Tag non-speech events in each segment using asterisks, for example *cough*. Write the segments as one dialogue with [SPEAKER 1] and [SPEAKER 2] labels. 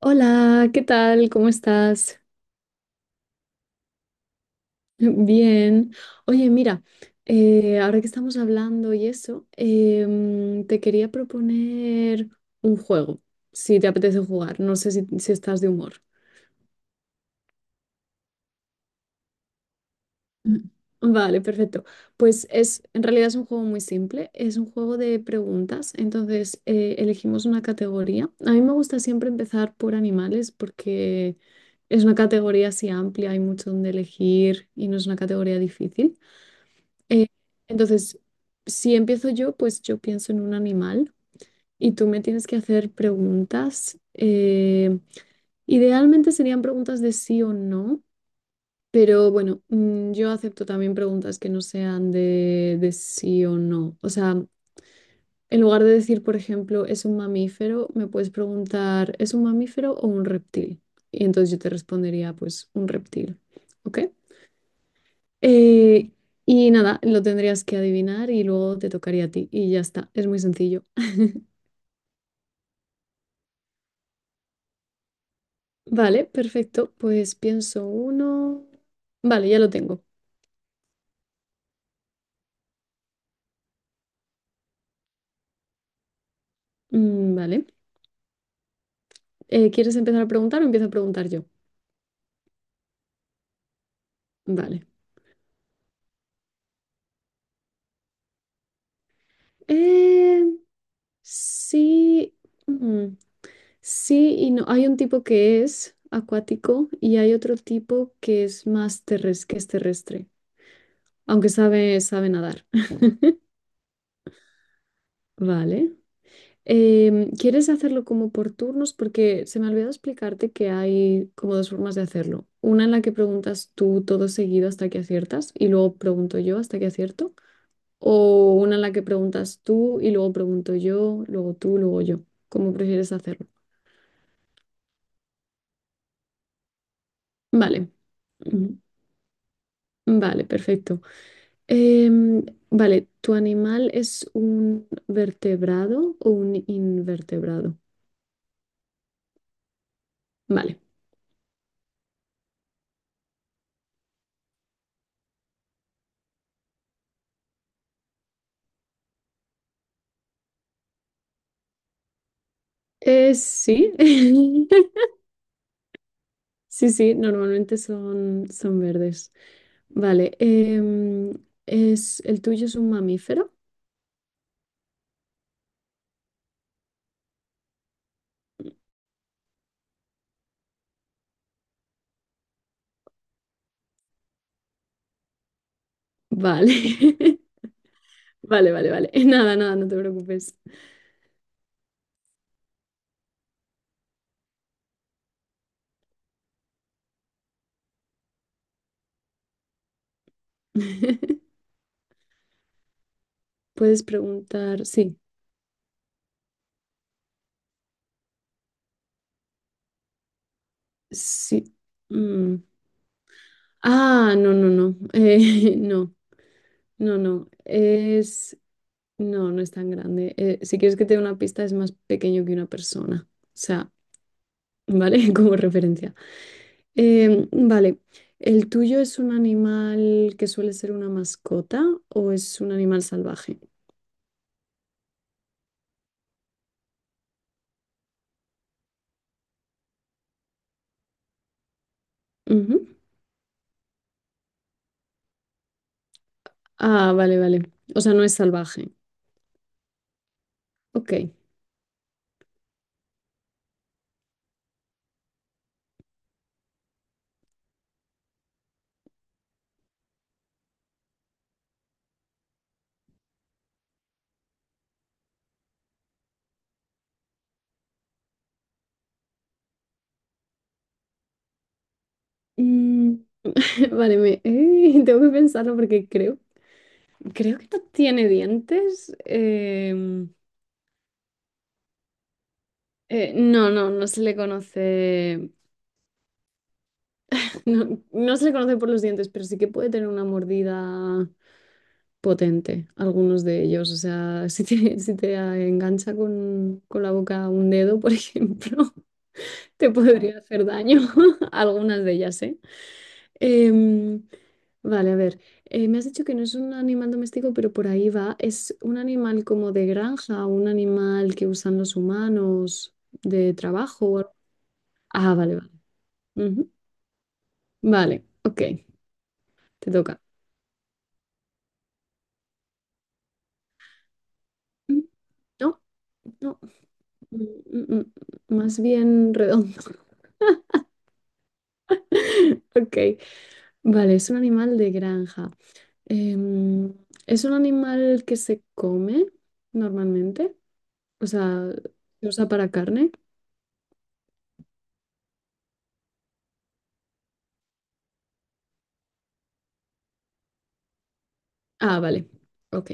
[SPEAKER 1] Hola, ¿qué tal? ¿Cómo estás? *laughs* Bien. Oye, mira, ahora que estamos hablando y eso, te quería proponer un juego, si te apetece jugar. No sé si estás de humor. Mm. Vale, perfecto. Pues es, en realidad es un juego muy simple, es un juego de preguntas. Entonces, elegimos una categoría. A mí me gusta siempre empezar por animales porque es una categoría así amplia, hay mucho donde elegir y no es una categoría difícil. Eh, entonces, si empiezo yo, pues yo pienso en un animal y tú me tienes que hacer preguntas. Idealmente serían preguntas de sí o no, pero bueno, yo acepto también preguntas que no sean de sí o no. O sea, en lugar de decir, por ejemplo, ¿es un mamífero? Me puedes preguntar, ¿es un mamífero o un reptil? Y entonces yo te respondería, pues, un reptil. ¿Ok? Eh, y nada, lo tendrías que adivinar y luego te tocaría a ti. Y ya está, es muy sencillo. *laughs* Vale, perfecto. Pues pienso uno. Vale, ya lo tengo. Mm, vale. ¿Quieres empezar a preguntar o empiezo a preguntar yo? Vale. Eh, sí. Mm, sí y no. Hay un tipo que es acuático y hay otro tipo que es más terrestre, que es terrestre, aunque sabe nadar. *laughs* Vale. ¿Quieres hacerlo como por turnos? Porque se me olvidó explicarte que hay como dos formas de hacerlo. Una en la que preguntas tú todo seguido hasta que aciertas y luego pregunto yo hasta que acierto. O una en la que preguntas tú y luego pregunto yo, luego tú, luego yo. ¿Cómo prefieres hacerlo? Vale. Ujú. Vale, perfecto. Em, vale, ¿tu animal es un vertebrado o un invertebrado? Vale. Sí. *laughs* Sí, sí, normalmente son verdes. Vale, ¿el tuyo es un mamífero? Vale, *laughs* vale, vale, vale. *laughs* Nada, nada, no te preocupes. *laughs* Puedes preguntar, sí, sí. Mm. Ah, no, no, no, *laughs* no, no, no. Es, no, no es tan grande. Si quieres que te dé una pista, es más pequeño que una persona. O sea, ¿vale? *laughs* Como referencia. Vale, ¿el tuyo es un animal que suele ser una mascota o es un animal salvaje? Ujú. Ah, vale, vale. O sea, no es salvaje. Ok. Mm, *laughs* vale, *laughs* tengo que pensarlo porque creo, creo que no tiene dientes. No, no se le conoce, no, no se le conoce por los dientes, pero sí que puede tener una mordida potente, algunos de ellos. O sea, *laughs* si te, si te engancha con la boca un dedo, por ejemplo, *laughs* te podría hacer daño. *laughs* Algunas de ellas, ¿eh? Em, vale, a ver. Me has dicho que no es un animal doméstico, pero por ahí va. ¿Es un animal como de granja, un animal que usan los humanos de trabajo? ¿O algo? Ah, vale, vale. Ujú. Vale, ok, te toca. Mm, no, no, mm, mm, mm, mm, más bien redondo. *laughs* Ok. Vale, es un animal de granja. Em, ¿Es un animal que se come normalmente? O sea, ¿se usa para carne? Ah, vale. Ok.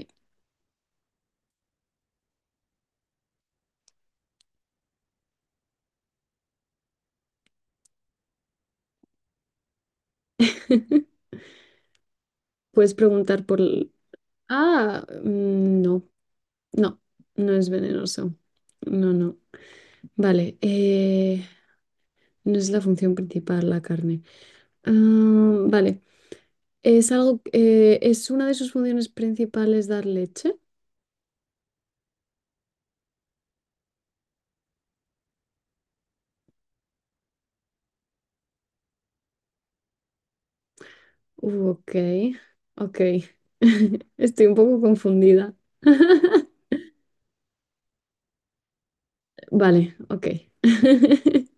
[SPEAKER 1] *laughs* Puedes preguntar por... l- Ah, mm, no, no, no es venenoso. No, no. Vale, no es la función principal la carne. Ah, vale, es algo, ¿es una de sus funciones principales dar leche? Ok, ok. *laughs* Estoy un poco confundida. *laughs* Vale, ok. *laughs*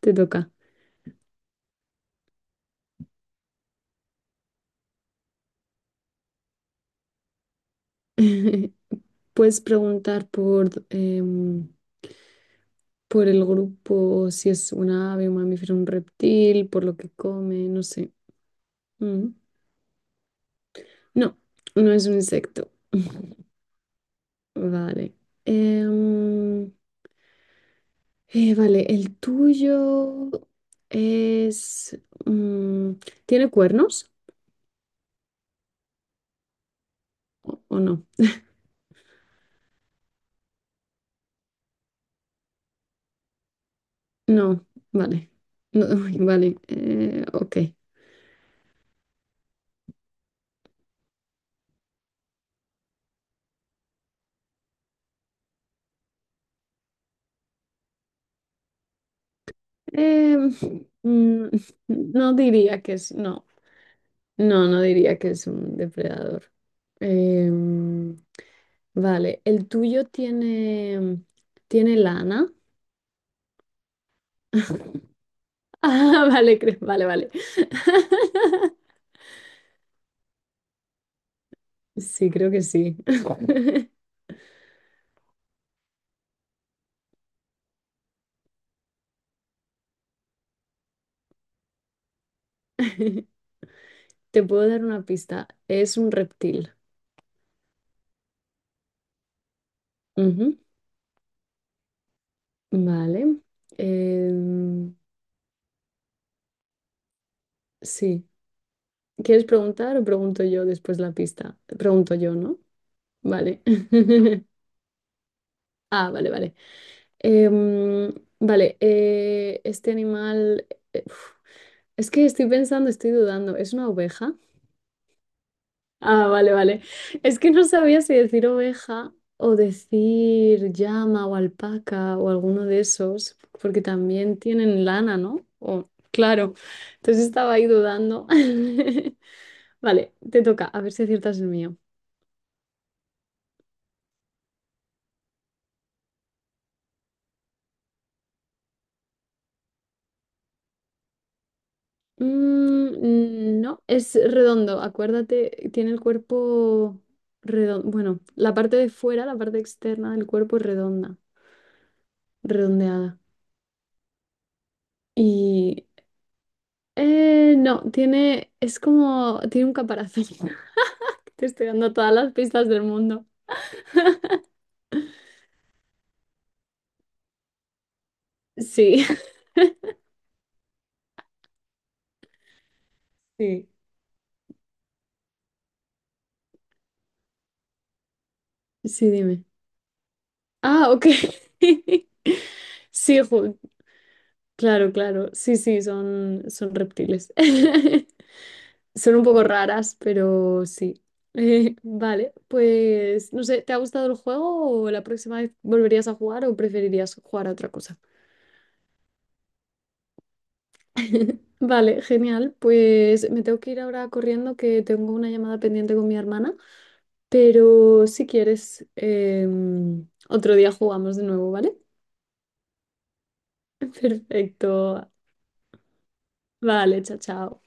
[SPEAKER 1] Te toca. *laughs* Puedes preguntar por, por el grupo, si es un ave, un mamífero, un reptil, por lo que come, no sé. Mm. No, no es un insecto. *laughs* Vale. Em, vale, el tuyo es... mm, ¿tiene cuernos? O no? No, vale. No, *laughs* vale, ok. Em, mm, no diría que es, no, no, no diría que es un depredador. Em, vale, ¿el tuyo tiene lana? *laughs* Ah, vale, cre- vale, vale. *laughs* Sí, creo que sí. *laughs* Te puedo dar una pista. Es un reptil. Ujú, vale. Em, sí. ¿Quieres preguntar o pregunto yo después la pista? Pregunto yo, ¿no? Vale. *laughs* Ah, vale, vale. Em, vale, este animal... uf, es que estoy pensando, estoy dudando. ¿Es una oveja? Ah, vale, vale. Es que no sabía si decir oveja o decir llama o alpaca o alguno de esos, porque también tienen lana, ¿no? O- claro. Entonces estaba ahí dudando. *laughs* Vale, te toca, a ver si aciertas el mío. Mm, no, es redondo, acuérdate, tiene el cuerpo redondo, bueno, la parte de fuera, la parte externa del cuerpo es redonda, redondeada. Y no, tiene, es como, tiene un caparazón. *laughs* Te estoy dando todas las pistas del mundo. Sí, *laughs* sí, sí, dime. Ah, ok. *laughs* Sí, ju- claro, claro. Sí, sí, son reptiles. *laughs* Son un poco raras, pero sí. *laughs* Vale, pues no sé, ¿te ha gustado el juego o la próxima vez volverías a jugar o preferirías jugar a otra cosa? *laughs* Vale, genial. Pues me tengo que ir ahora corriendo que tengo una llamada pendiente con mi hermana, pero si quieres, otro día jugamos de nuevo, ¿vale? *laughs* Perfecto. Vale, chao, chao.